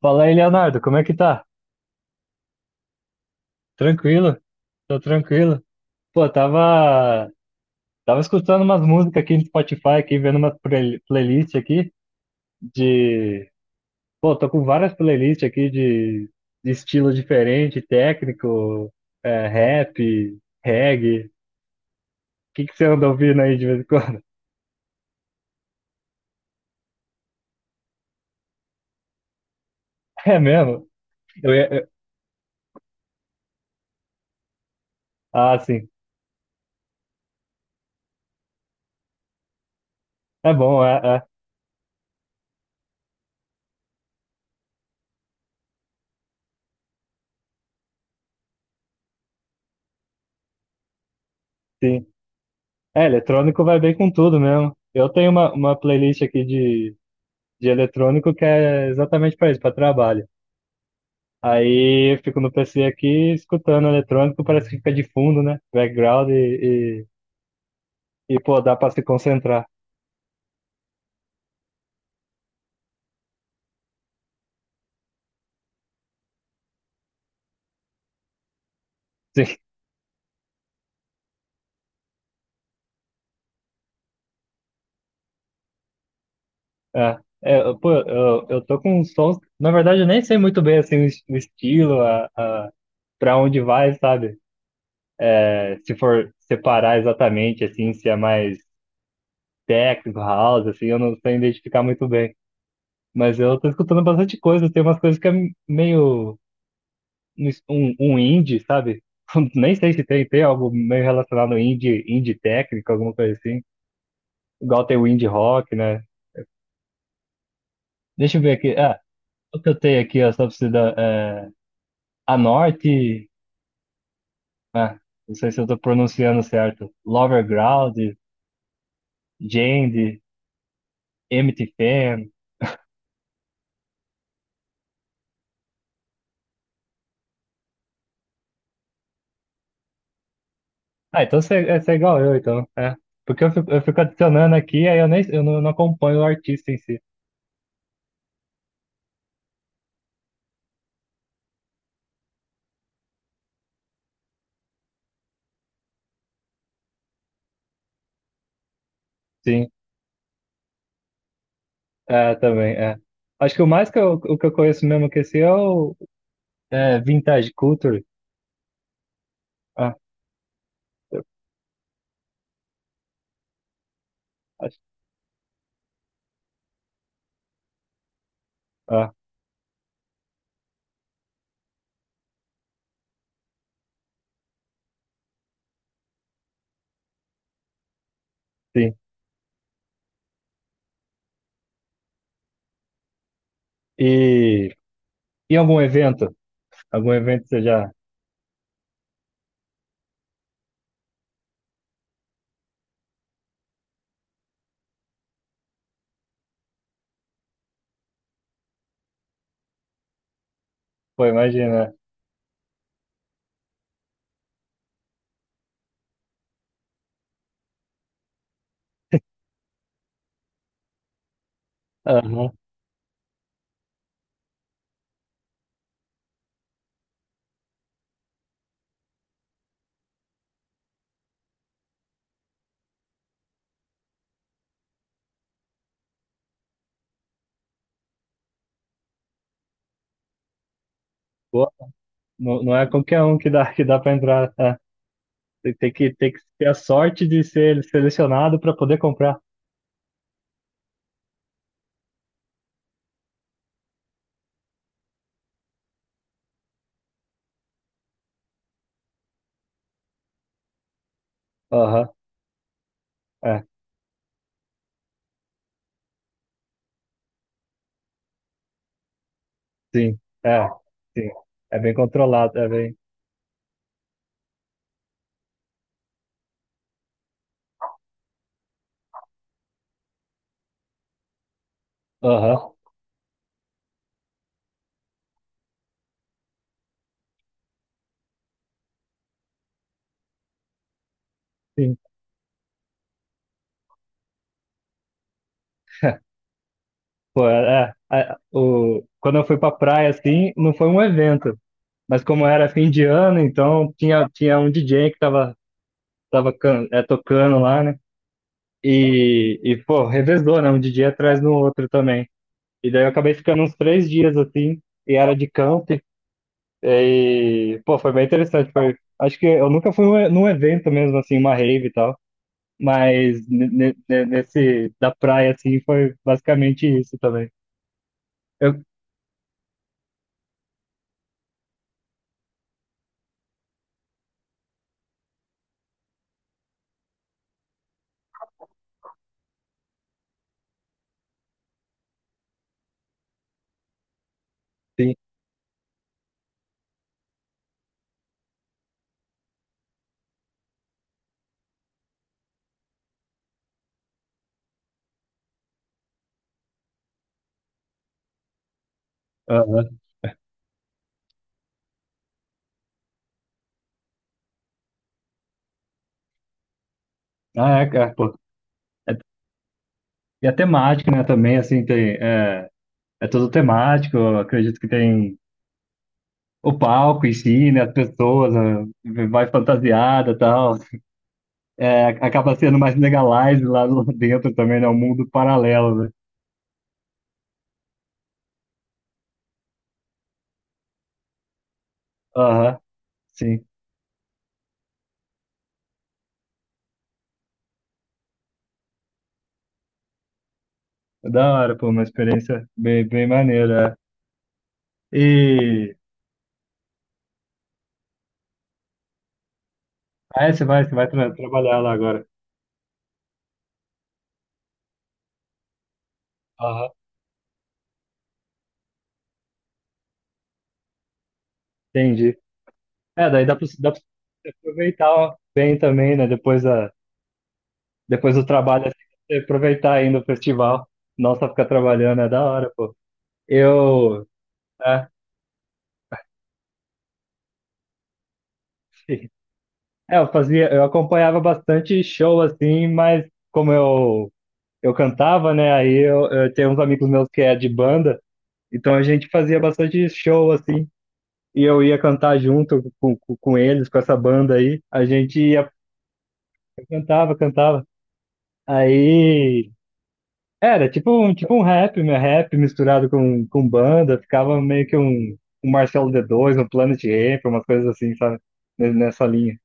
Fala aí, Leonardo, como é que tá? Tranquilo? Tô tranquilo. Pô, tava, tava escutando umas músicas aqui no Spotify, aqui, vendo umas playlist aqui de... Pô, tô com várias playlists aqui de estilo diferente, técnico, rap, reggae. O que você anda ouvindo aí de vez em quando? É mesmo? Eu ia- eu- Ah, sim. É bom, sim. É, eletrônico vai bem com tudo mesmo. Eu tenho uma playlist aqui de eletrônico que é exatamente para isso, para trabalho. Aí eu fico no PC aqui escutando eletrônico, parece que fica de fundo, né? Background e pô, dá para se concentrar. Sim, é. Pô, eu tô com uns sons. Na verdade, eu nem sei muito bem assim, o estilo, para onde vai, sabe? É, se for separar exatamente, assim, se é mais técnico, house, assim, eu não sei identificar muito bem. Mas eu tô escutando bastante coisa, tem umas coisas que é meio um indie, sabe? Nem sei se tem, tem algo meio relacionado ao indie, indie técnico, alguma coisa assim. Igual tem o indie rock, né? Deixa eu ver aqui. Ah, o que eu tenho aqui, ó, só precisa. É, a Norte. Ah, não sei se eu tô pronunciando certo. Lower Ground, Jand, Empty Fan. Ah, então você é igual eu, então. É. Porque eu fico adicionando aqui, aí eu nem eu não, não acompanho o artista em si. Sim, é, também, é. Acho que o mais que eu, o que eu conheço mesmo que esse é o. É, Vintage Culture? Ah, acho- ah, sim. E em algum evento? Algum evento você já foi, imagina. Aham. Pô, não, não é qualquer um que dá para entrar. É. Tem, tem que ter a sorte de ser selecionado para poder comprar. Aham, é, sim, é, sim. É bem controlado, é bem. Aham, sim. Pô, quando eu fui pra praia, assim, não foi um evento. Mas como era fim de ano, então tinha, tinha um DJ que tava tocando lá, né? E, pô, revezou, né? Um DJ atrás no outro também. E daí eu acabei ficando uns 3 dias assim, e era de camp. E, pô, foi bem interessante. Foi, acho que eu nunca fui num evento mesmo, assim, uma rave e tal. Mas nesse da praia, assim, foi basicamente isso também. Eu, sim. Aham. Ah, é, cara, pô. É- E é temático, né? Também, assim, tem. É, é tudo temático. Eu acredito que tem. O palco em si, né, as pessoas, né, vai fantasiada e tal. É, acaba sendo mais legalize lá dentro também, né? Um mundo paralelo, né? Aham, sim. É. Da hora, pô, uma experiência bem, bem maneira. É. E. Você vai trabalhar lá agora. Aham, entendi. É, daí dá pra você aproveitar bem também, né? Depois do trabalho, assim, você aproveitar ainda o festival. Não só ficar trabalhando, é da hora, pô. Eu. É. É, eu fazia, eu acompanhava bastante show assim, mas como eu cantava, né? Aí eu tenho uns amigos meus que é de banda, então a gente fazia bastante show assim. E eu ia cantar junto com eles, com essa banda aí. A gente ia, cantava. Aí era tipo um rap, né? Rap misturado com banda. Ficava meio que um Marcelo D2, um Planet Ramp, umas coisas assim, sabe? Nessa linha.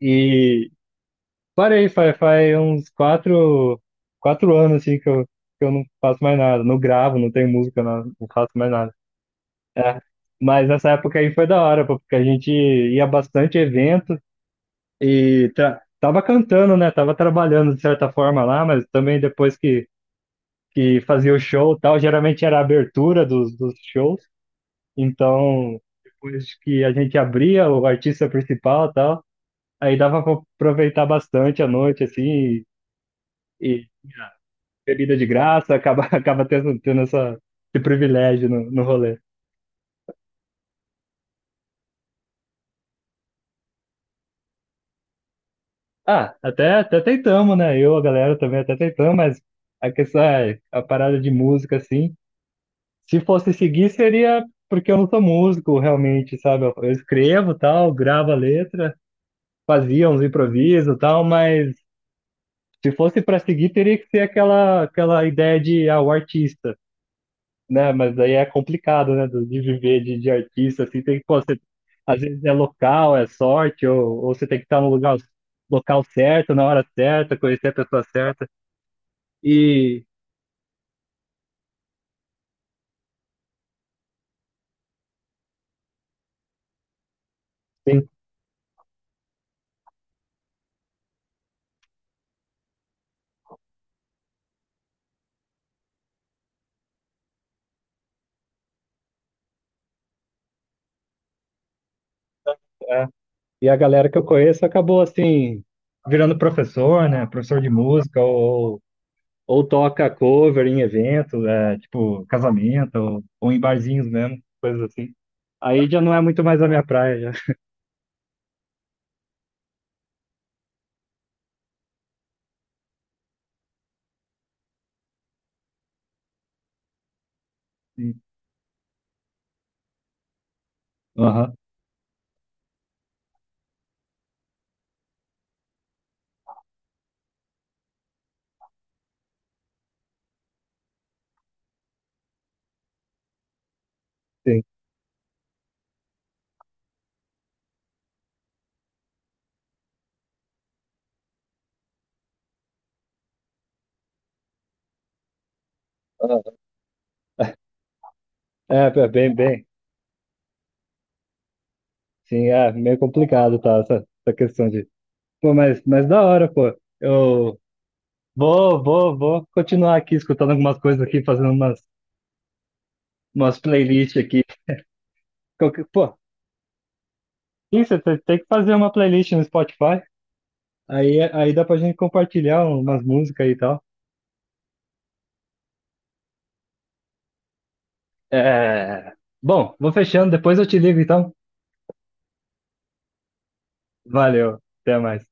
E, parei, faz uns 4 anos assim que eu não faço mais nada. Não gravo, não tenho música, não, não faço mais nada. É. Mas nessa época aí foi da hora, pô, porque a gente ia bastante evento tava cantando, né? Tava trabalhando de certa forma lá, mas também depois que fazia o show e tal, geralmente era a abertura dos, dos shows. Então, depois que a gente abria, o artista principal e tal, aí dava pra aproveitar bastante a noite, assim, e bebida de graça, acaba, acaba tendo, tendo essa, esse privilégio no, no rolê. Ah, até, até tentamos, né? Eu, a galera também até tentamos, mas a questão é, a parada de música, assim, se fosse seguir, seria porque eu não sou músico, realmente, sabe? Eu escrevo tal, gravo a letra, fazia uns improvisos tal, mas se fosse para seguir, teria que ser aquela, aquela ideia de, ah, o artista. Né? Mas aí é complicado, né? De viver de artista, assim, tem que, pô, você, às vezes é local, é sorte, ou você tem que estar no lugar, local certo, na hora certa, conhecer a pessoa certa. E, sim, é. E a galera que eu conheço acabou, assim, virando professor, né? Professor de música, ou toca cover em eventos, é, tipo, casamento, ou em barzinhos mesmo, coisas assim. Aí já não é muito mais a minha praia, já. Sim. Aham, sim. Aham. É, é bem, bem. Sim, é meio complicado, tá? Essa questão de. Pô, mas da hora, pô. Eu vou continuar aqui escutando algumas coisas aqui, fazendo umas, umas playlists aqui. Qualquer- Pô, isso, você tem que fazer uma playlist no Spotify. Aí dá pra gente compartilhar umas músicas e tal. É... Bom, vou fechando, depois eu te ligo então. Valeu, até mais.